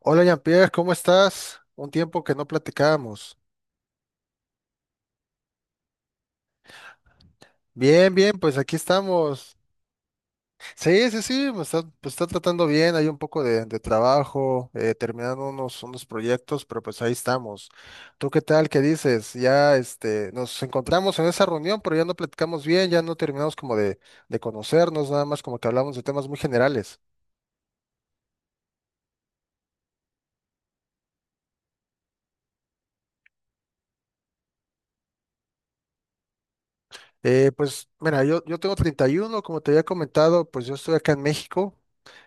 Hola Jean-Pierre, ¿cómo estás? Un tiempo que no platicábamos. Bien, bien, pues aquí estamos. Sí, sí, sí, me está tratando bien, hay un poco de trabajo, terminando unos proyectos, pero pues ahí estamos. ¿Tú qué tal? ¿Qué dices? Ya este, nos encontramos en esa reunión, pero ya no platicamos bien, ya no terminamos como de conocernos, nada más como que hablamos de temas muy generales. Pues mira, yo tengo 31, como te había comentado, pues yo estoy acá en México.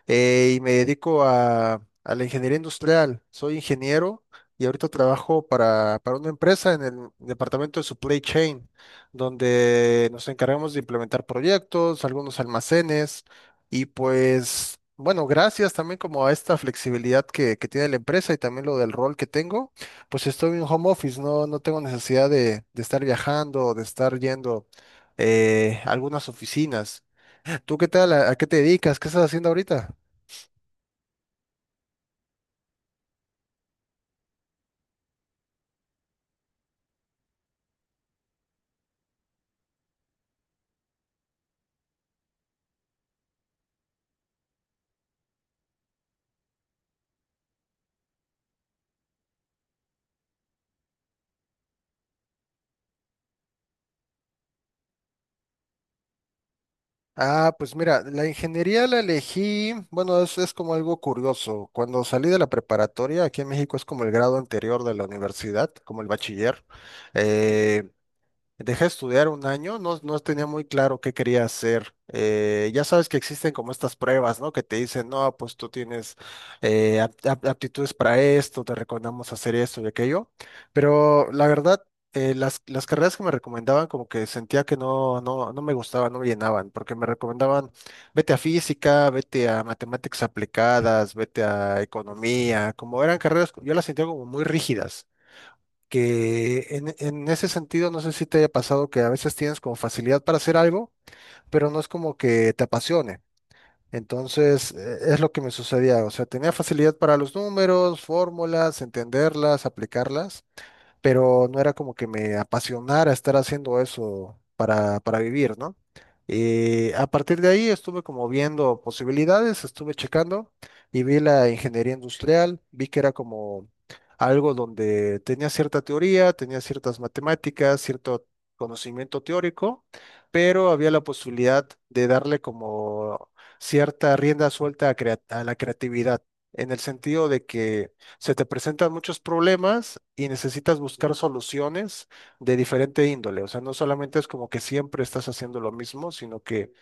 Y me dedico a la ingeniería industrial. Soy ingeniero y ahorita trabajo para una empresa en el departamento de supply chain, donde nos encargamos de implementar proyectos, algunos almacenes y pues, bueno, gracias también como a esta flexibilidad que tiene la empresa y también lo del rol que tengo, pues estoy en home office, no tengo necesidad de estar viajando, o de estar yendo a algunas oficinas. ¿Tú qué tal? ¿A qué te dedicas? ¿Qué estás haciendo ahorita? Ah, pues mira, la ingeniería la elegí, bueno, es como algo curioso. Cuando salí de la preparatoria, aquí en México es como el grado anterior de la universidad, como el bachiller. eh, Dejé de estudiar un año, no tenía muy claro qué quería hacer. Ya sabes que existen como estas pruebas, ¿no? Que te dicen, no, pues tú tienes aptitudes para esto, te recomendamos hacer esto y aquello. Pero la verdad, las carreras que me recomendaban como que sentía que no me gustaban, no me llenaban, porque me recomendaban, vete a física, vete a matemáticas aplicadas, vete a economía, como eran carreras, yo las sentía como muy rígidas, que en ese sentido no sé si te haya pasado que a veces tienes como facilidad para hacer algo, pero no es como que te apasione. Entonces, es lo que me sucedía. O sea, tenía facilidad para los números, fórmulas, entenderlas, aplicarlas, pero no era como que me apasionara estar haciendo eso para vivir, ¿no? Y a partir de ahí estuve como viendo posibilidades, estuve checando y vi la ingeniería industrial, vi que era como algo donde tenía cierta teoría, tenía ciertas matemáticas, cierto conocimiento teórico, pero había la posibilidad de darle como cierta rienda suelta a la creatividad, en el sentido de que se te presentan muchos problemas y necesitas buscar soluciones de diferente índole. O sea, no solamente es como que siempre estás haciendo lo mismo, sino que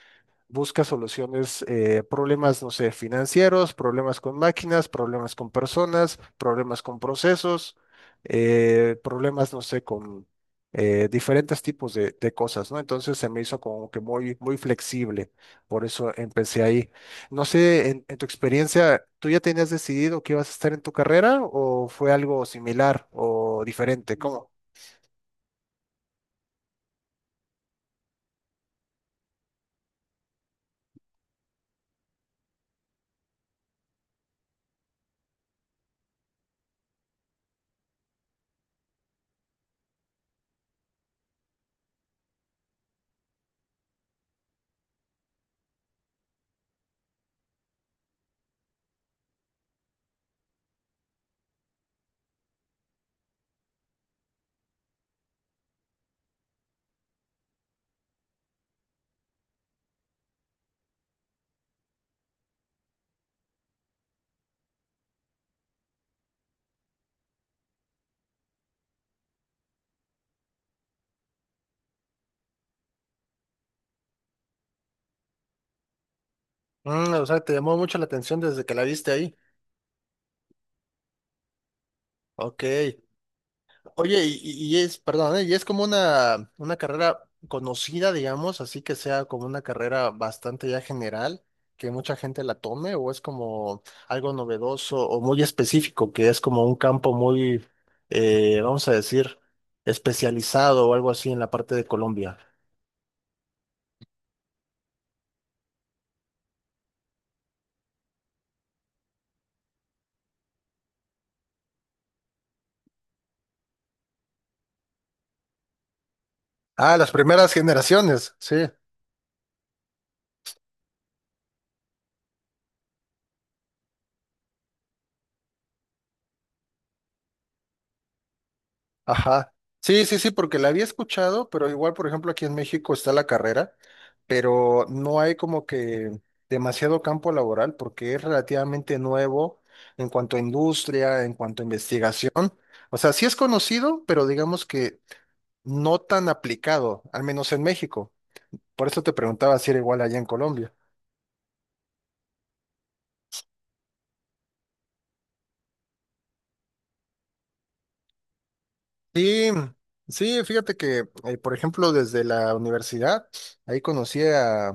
busca soluciones, problemas, no sé, financieros, problemas con máquinas, problemas con personas, problemas con procesos, problemas, no sé, con diferentes tipos de cosas, ¿no? Entonces se me hizo como que muy, muy flexible, por eso empecé ahí. No sé, en tu experiencia, ¿tú ya tenías decidido que ibas a estar en tu carrera o fue algo similar o diferente? ¿Cómo? Mm, o sea, te llamó mucho la atención desde que la viste ahí. Ok. Oye, es, perdón, ¿eh? Y es como una, carrera conocida, digamos, así que sea como una carrera bastante ya general, que mucha gente la tome, o es como algo novedoso o muy específico, que es como un campo muy, vamos a decir, especializado o algo así en la parte de Colombia. Ah, las primeras generaciones, sí. Ajá. Sí, sí, sí, porque la había escuchado, pero igual, por ejemplo, aquí en México está la carrera, pero no hay como que demasiado campo laboral porque es relativamente nuevo en cuanto a industria, en cuanto a investigación. O sea, sí es conocido, pero digamos que no tan aplicado, al menos en México. Por eso te preguntaba si era igual allá en Colombia. Sí, sí, fíjate que, por ejemplo, desde la universidad, ahí conocí a,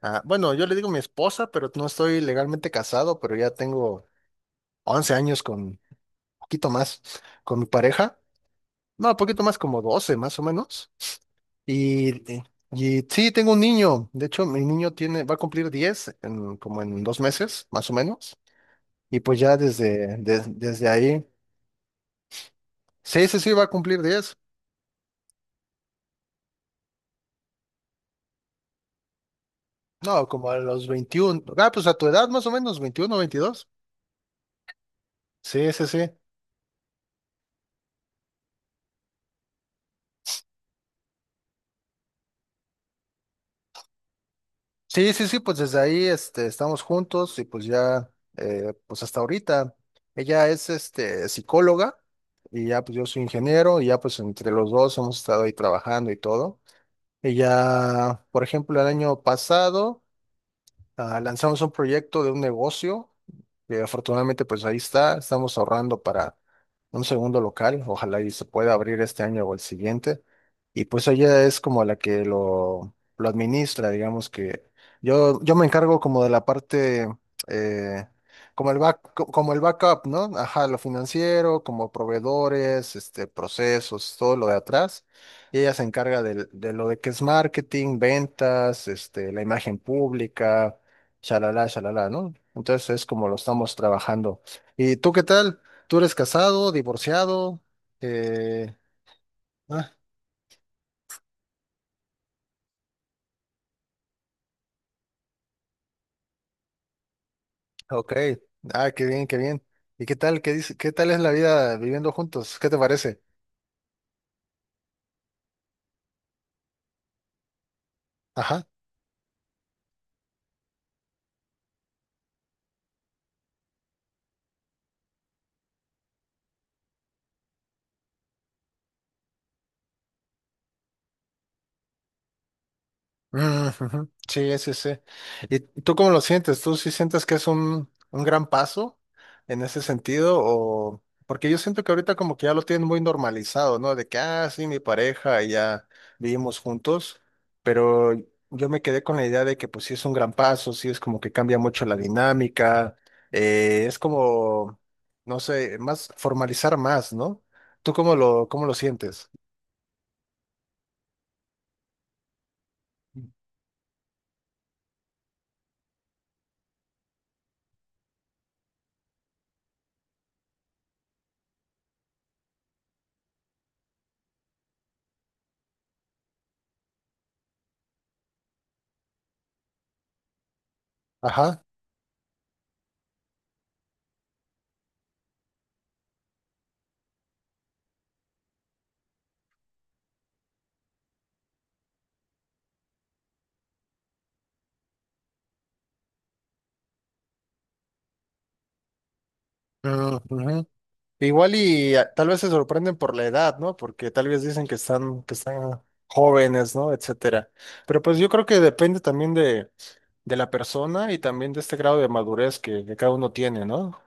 a- bueno, yo le digo mi esposa, pero no estoy legalmente casado, pero ya tengo 11 años con, poquito más, con mi pareja, no, poquito más como 12, más o menos, y, y y sí, tengo un niño, de hecho, mi niño tiene, va a cumplir 10, en, como en 2 meses, más o menos, y pues ya desde ahí, sí, sí, sí, va a cumplir 10. No, como a los 21. Ah, pues a tu edad, más o menos, 21, 22. Sí, sí, sí. Sí, sí, sí, pues desde ahí este, estamos juntos y pues ya, pues hasta ahorita. Ella es este, psicóloga y ya pues yo soy ingeniero y ya pues entre los dos hemos estado ahí trabajando y todo. Ella, por ejemplo, el año pasado. Ah, lanzamos un proyecto de un negocio que afortunadamente pues ahí está, estamos ahorrando para un segundo local, ojalá y se pueda abrir este año o el siguiente. Y pues ella es como la que lo administra, digamos que yo me encargo como de la parte, eh, como el backup, ¿no? Ajá, lo financiero, como proveedores, este, procesos, todo lo de atrás. Y ella se encarga de, lo de que es marketing, ventas, este, la imagen pública, shalala, shalala, ¿no? Entonces es como lo estamos trabajando. ¿Y tú qué tal? ¿Tú eres casado, divorciado? Eh, ah, ok. Ah, qué bien, qué bien. ¿Y qué tal? ¿Qué dice? ¿Qué tal es la vida viviendo juntos? ¿Qué te parece? Ajá. Mm, ujú. Sí, sí, sí. ¿Y tú cómo lo sientes? ¿Tú sí sientes que es un, gran paso en ese sentido? O porque yo siento que ahorita como que ya lo tienen muy normalizado, ¿no? De que, ah, sí, mi pareja y ya vivimos juntos, pero yo me quedé con la idea de que pues sí es un gran paso, sí es como que cambia mucho la dinámica, es como, no sé, más formalizar más, ¿no? ¿Tú cómo lo sientes? Ajá. Ujú. Igual y ah, tal vez se sorprenden por la edad, ¿no? Porque tal vez dicen que están, jóvenes, ¿no? Etcétera. Pero pues yo creo que depende también de la persona y también de este grado de madurez que cada uno tiene, ¿no?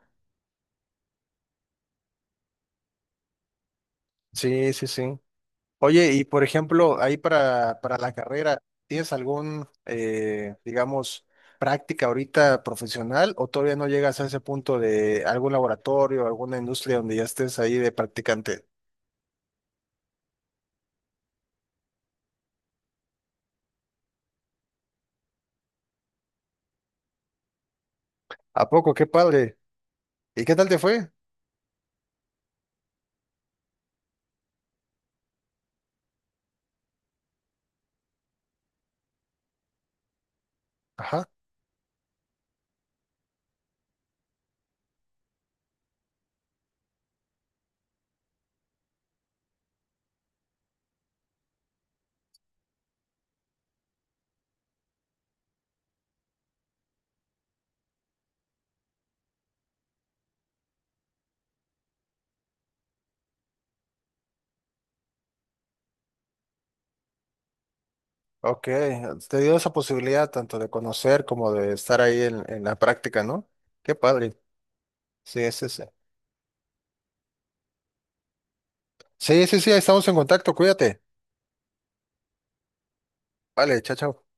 Sí, sí, sí. Oye, y por ejemplo, ahí para la carrera, ¿tienes algún, digamos, práctica ahorita profesional o todavía no llegas a ese punto de algún laboratorio, alguna industria donde ya estés ahí de practicante? ¿A poco? Qué padre. ¿Y qué tal te fue? Ajá. Ok, te dio esa posibilidad tanto de conocer como de estar ahí en la práctica, ¿no? Qué padre. Sí, sí, sí. Sí, sí, sí, ahí estamos en contacto, cuídate. Vale, chao, chao.